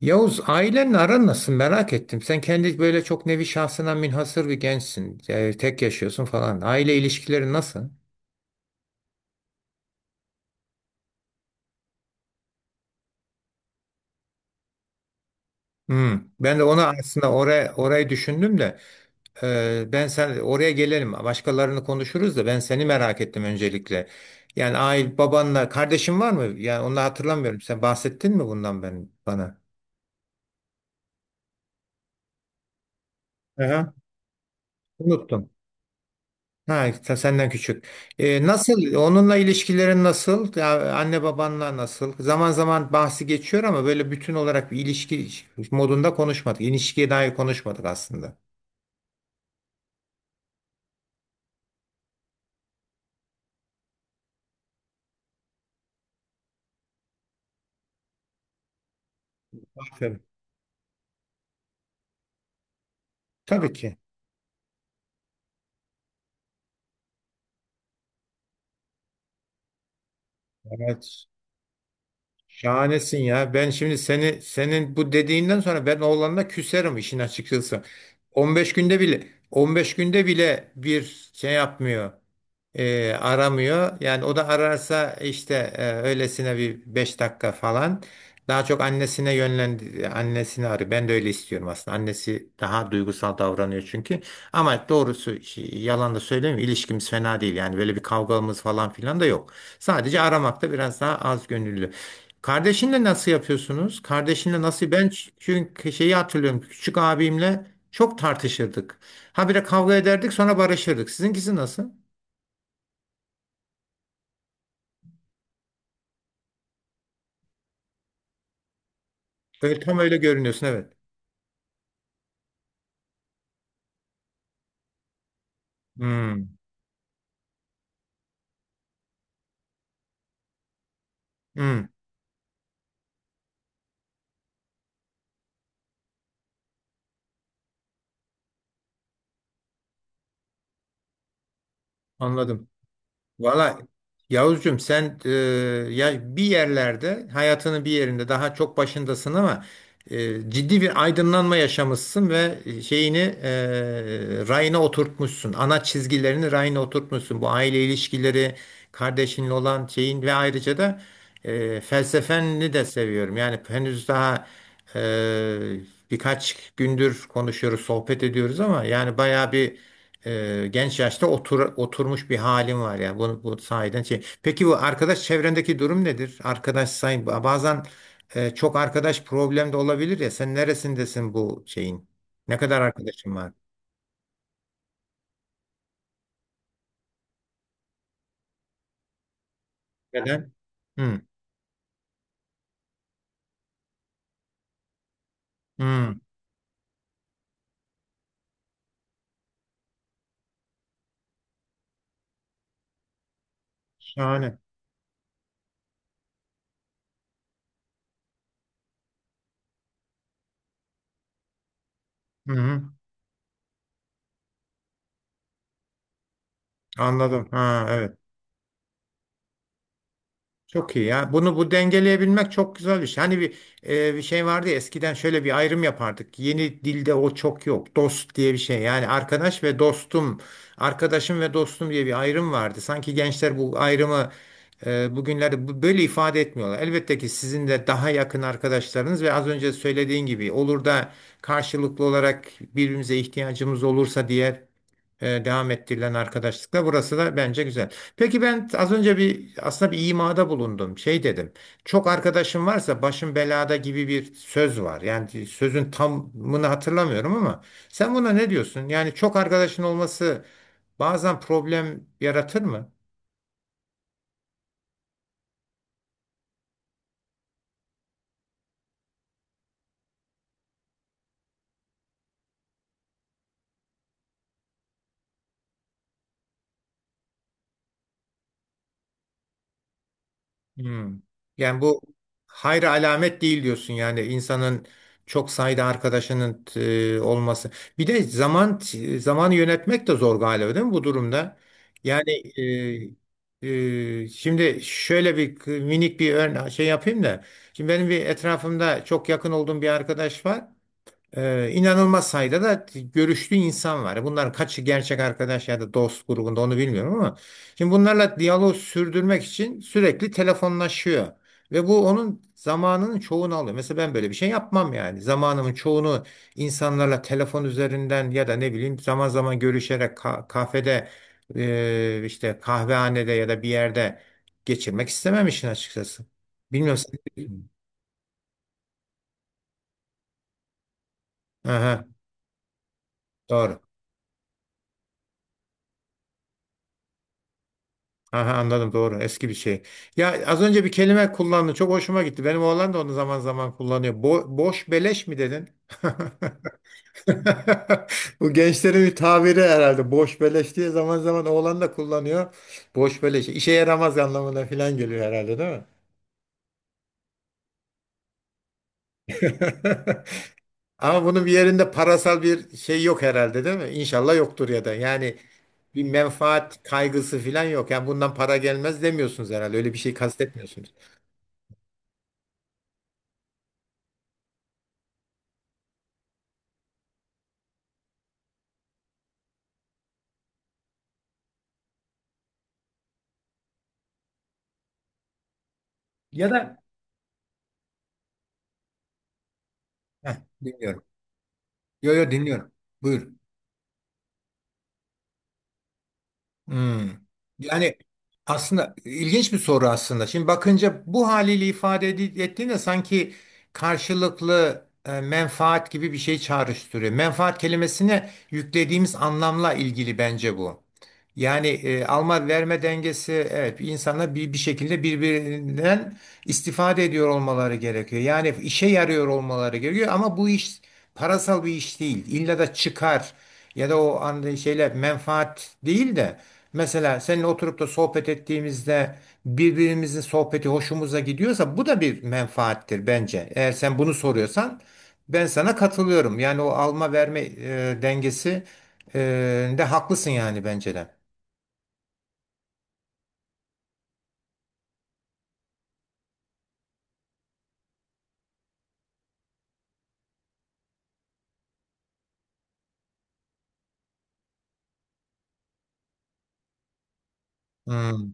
Yavuz ailenle aran nasıl merak ettim. Sen kendi böyle çok nevi şahsına münhasır bir gençsin. Yani tek yaşıyorsun falan. Aile ilişkileri nasıl? Hmm. Ben de ona aslında oraya orayı düşündüm de ben sen oraya gelelim. Başkalarını konuşuruz da ben seni merak ettim öncelikle. Yani aile babanla kardeşin var mı? Yani onu hatırlamıyorum. Sen bahsettin mi bundan ben bana? Aha. Unuttum. Ha, senden küçük. Nasıl? Onunla ilişkilerin nasıl? Ya, anne babanla nasıl? Zaman zaman bahsi geçiyor ama böyle bütün olarak bir ilişki modunda konuşmadık. İlişkiye dair konuşmadık aslında. Aferin. Tabii ki. Evet. Şahanesin ya. Ben şimdi seni senin bu dediğinden sonra ben oğlanla küserim işin açıkçası. 15 günde bile 15 günde bile bir şey yapmıyor. Aramıyor. Yani o da ararsa işte öylesine bir 5 dakika falan. Daha çok annesine yönlendi, annesini arıyor. Ben de öyle istiyorum aslında. Annesi daha duygusal davranıyor çünkü. Ama doğrusu şey, yalan da söylemiyorum. İlişkimiz fena değil. Yani böyle bir kavgamız falan filan da yok. Sadece aramakta biraz daha az gönüllü. Kardeşinle nasıl yapıyorsunuz? Kardeşinle nasıl? Ben çünkü şeyi hatırlıyorum. Küçük abimle çok tartışırdık. Habire kavga ederdik sonra barışırdık. Sizinkisi nasıl? Evet, tam öyle görünüyorsun, evet. Hmm, hmm, anladım. Valla, Yavuzcum, sen ya bir yerlerde hayatının bir yerinde daha çok başındasın ama ciddi bir aydınlanma yaşamışsın ve şeyini rayına oturtmuşsun. Ana çizgilerini rayına oturtmuşsun. Bu aile ilişkileri, kardeşinle olan şeyin ve ayrıca da felsefeni de seviyorum. Yani henüz daha e, birkaç gündür konuşuyoruz, sohbet ediyoruz ama yani bayağı bir genç yaşta oturmuş bir halim var ya. Bu sahiden şey. Peki bu arkadaş çevrendeki durum nedir? Arkadaş sayın bazen çok arkadaş problem de olabilir ya. Sen neresindesin bu şeyin? Ne kadar arkadaşın var? Neden? Hı, hı. Şahane. Hı, hı. Anladım. Ha, evet. Çok iyi ya. Bunu bu dengeleyebilmek çok güzel bir şey. Hani bir şey vardı ya, eskiden şöyle bir ayrım yapardık. Yeni dilde o çok yok. Dost diye bir şey. Yani arkadaş ve dostum, arkadaşım ve dostum diye bir ayrım vardı. Sanki gençler bu ayrımı bugünlerde böyle ifade etmiyorlar. Elbette ki sizin de daha yakın arkadaşlarınız ve az önce söylediğin gibi olur da karşılıklı olarak birbirimize ihtiyacımız olursa diye devam ettirilen arkadaşlıkla. Burası da bence güzel. Peki ben az önce bir, aslında bir imada bulundum. Şey dedim. Çok arkadaşım varsa başım belada gibi bir söz var. Yani sözün tamını hatırlamıyorum ama sen buna ne diyorsun? Yani çok arkadaşın olması bazen problem yaratır mı? Hmm. Yani bu hayra alamet değil diyorsun, yani insanın çok sayıda arkadaşının olması. Bir de zamanı yönetmek de zor galiba, değil mi bu durumda? Yani e, şimdi şöyle bir minik bir şey yapayım da. Şimdi benim bir etrafımda çok yakın olduğum bir arkadaş var. İnanılmaz sayıda da görüştüğü insan var. Bunların kaçı gerçek arkadaş ya da dost grubunda onu bilmiyorum ama şimdi bunlarla diyalog sürdürmek için sürekli telefonlaşıyor. Ve bu onun zamanının çoğunu alıyor. Mesela ben böyle bir şey yapmam yani. Zamanımın çoğunu insanlarla telefon üzerinden ya da ne bileyim zaman zaman görüşerek kafede işte kahvehanede ya da bir yerde geçirmek istemem işin açıkçası. Bilmiyorum. sen- Aha, doğru. Aha, anladım, doğru, eski bir şey. Ya az önce bir kelime kullandın, çok hoşuma gitti. Benim oğlan da onu zaman zaman kullanıyor. Boş beleş mi dedin? Bu gençlerin bir tabiri herhalde. Boş beleş diye zaman zaman oğlan da kullanıyor. Boş beleş işe yaramaz anlamına falan geliyor herhalde, değil mi? Ama bunun bir yerinde parasal bir şey yok herhalde, değil mi? İnşallah yoktur ya da yani bir menfaat kaygısı falan yok. Yani bundan para gelmez demiyorsunuz herhalde, öyle bir şey kastetmiyorsunuz. Ya da. Heh, dinliyorum. Yo, yo, dinliyorum. Buyur. Hmm. Yani aslında ilginç bir soru aslında. Şimdi bakınca bu haliyle ifade ettiğinde sanki karşılıklı menfaat gibi bir şey çağrıştırıyor. Menfaat kelimesine yüklediğimiz anlamla ilgili bence bu. Yani alma verme dengesi, evet, insanlar bir şekilde birbirinden istifade ediyor olmaları gerekiyor. Yani işe yarıyor olmaları gerekiyor ama bu iş parasal bir iş değil. İlla da çıkar ya da o anda şeyler menfaat değil de mesela seninle oturup da sohbet ettiğimizde birbirimizin sohbeti hoşumuza gidiyorsa bu da bir menfaattir bence. Eğer sen bunu soruyorsan ben sana katılıyorum. Yani o alma verme dengesi e, de haklısın, yani bence de. Hmm.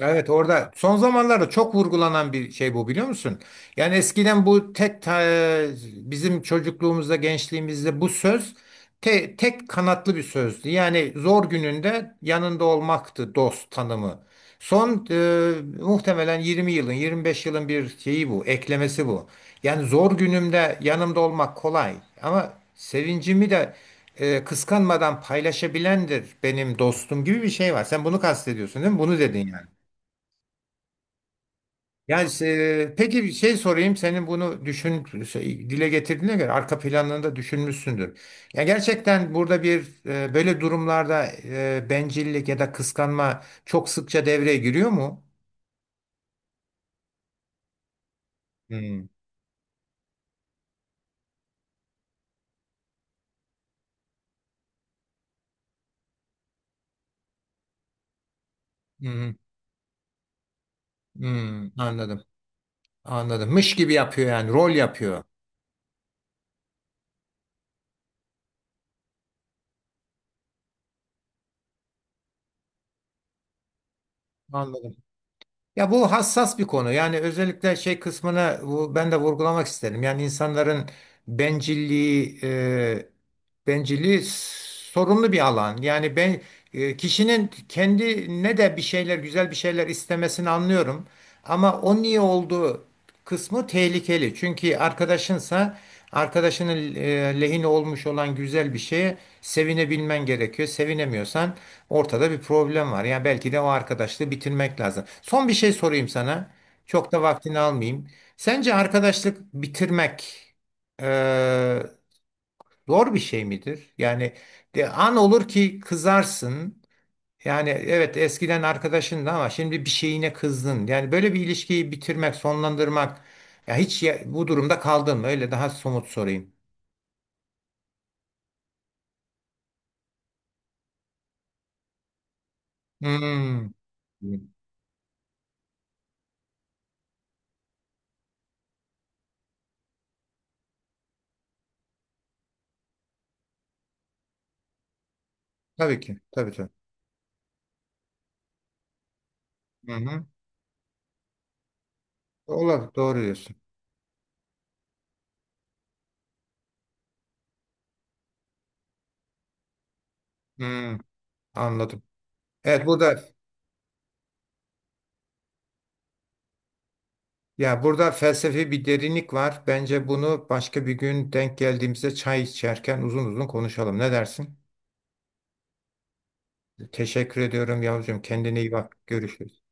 Evet, orada son zamanlarda çok vurgulanan bir şey bu, biliyor musun? Yani eskiden bu tek bizim çocukluğumuzda, gençliğimizde bu söz tek kanatlı bir sözdü. Yani zor gününde yanında olmaktı dost tanımı. Son muhtemelen 20 yılın, 25 yılın bir şeyi, bu eklemesi bu. Yani zor günümde yanımda olmak kolay ama sevincimi de kıskanmadan paylaşabilendir benim dostum, gibi bir şey var. Sen bunu kastediyorsun, değil mi? Bunu dedin yani. Yani peki bir şey sorayım, senin bunu düşün şey, dile getirdiğine göre arka planını da düşünmüşsündür. Ya gerçekten burada bir böyle durumlarda bencillik ya da kıskanma çok sıkça devreye giriyor mu? Hmm, hmm, hmm, anladım. Anladım. Mış gibi yapıyor, yani rol yapıyor. Anladım. Ya bu hassas bir konu. Yani özellikle şey kısmını ben de vurgulamak isterim. Yani insanların bencilliği e, bencilliği sorunlu bir alan. Yani kişinin kendine de bir şeyler, güzel bir şeyler istemesini anlıyorum. Ama o niye olduğu kısmı tehlikeli. Çünkü arkadaşınsa arkadaşının lehine olmuş olan güzel bir şeye sevinebilmen gerekiyor. Sevinemiyorsan ortada bir problem var. Yani belki de o arkadaşlığı bitirmek lazım. Son bir şey sorayım sana. Çok da vaktini almayayım. Sence arkadaşlık bitirmek eee, zor bir şey midir? Yani de, an olur ki kızarsın. Yani evet, eskiden arkadaşındı ama şimdi bir şeyine kızdın. Yani böyle bir ilişkiyi bitirmek, sonlandırmak. Ya hiç bu durumda kaldın mı? Öyle daha somut sorayım. Hmm. Tabii ki. Tabii, tabii. Hı hı. Olabilir. Doğru diyorsun. Hmm. Anladım. Evet, burada, ya, burada felsefi bir derinlik var. Bence bunu başka bir gün denk geldiğimizde çay içerken uzun uzun konuşalım. Ne dersin? Teşekkür ediyorum yavrucuğum. Kendine iyi bak. Görüşürüz.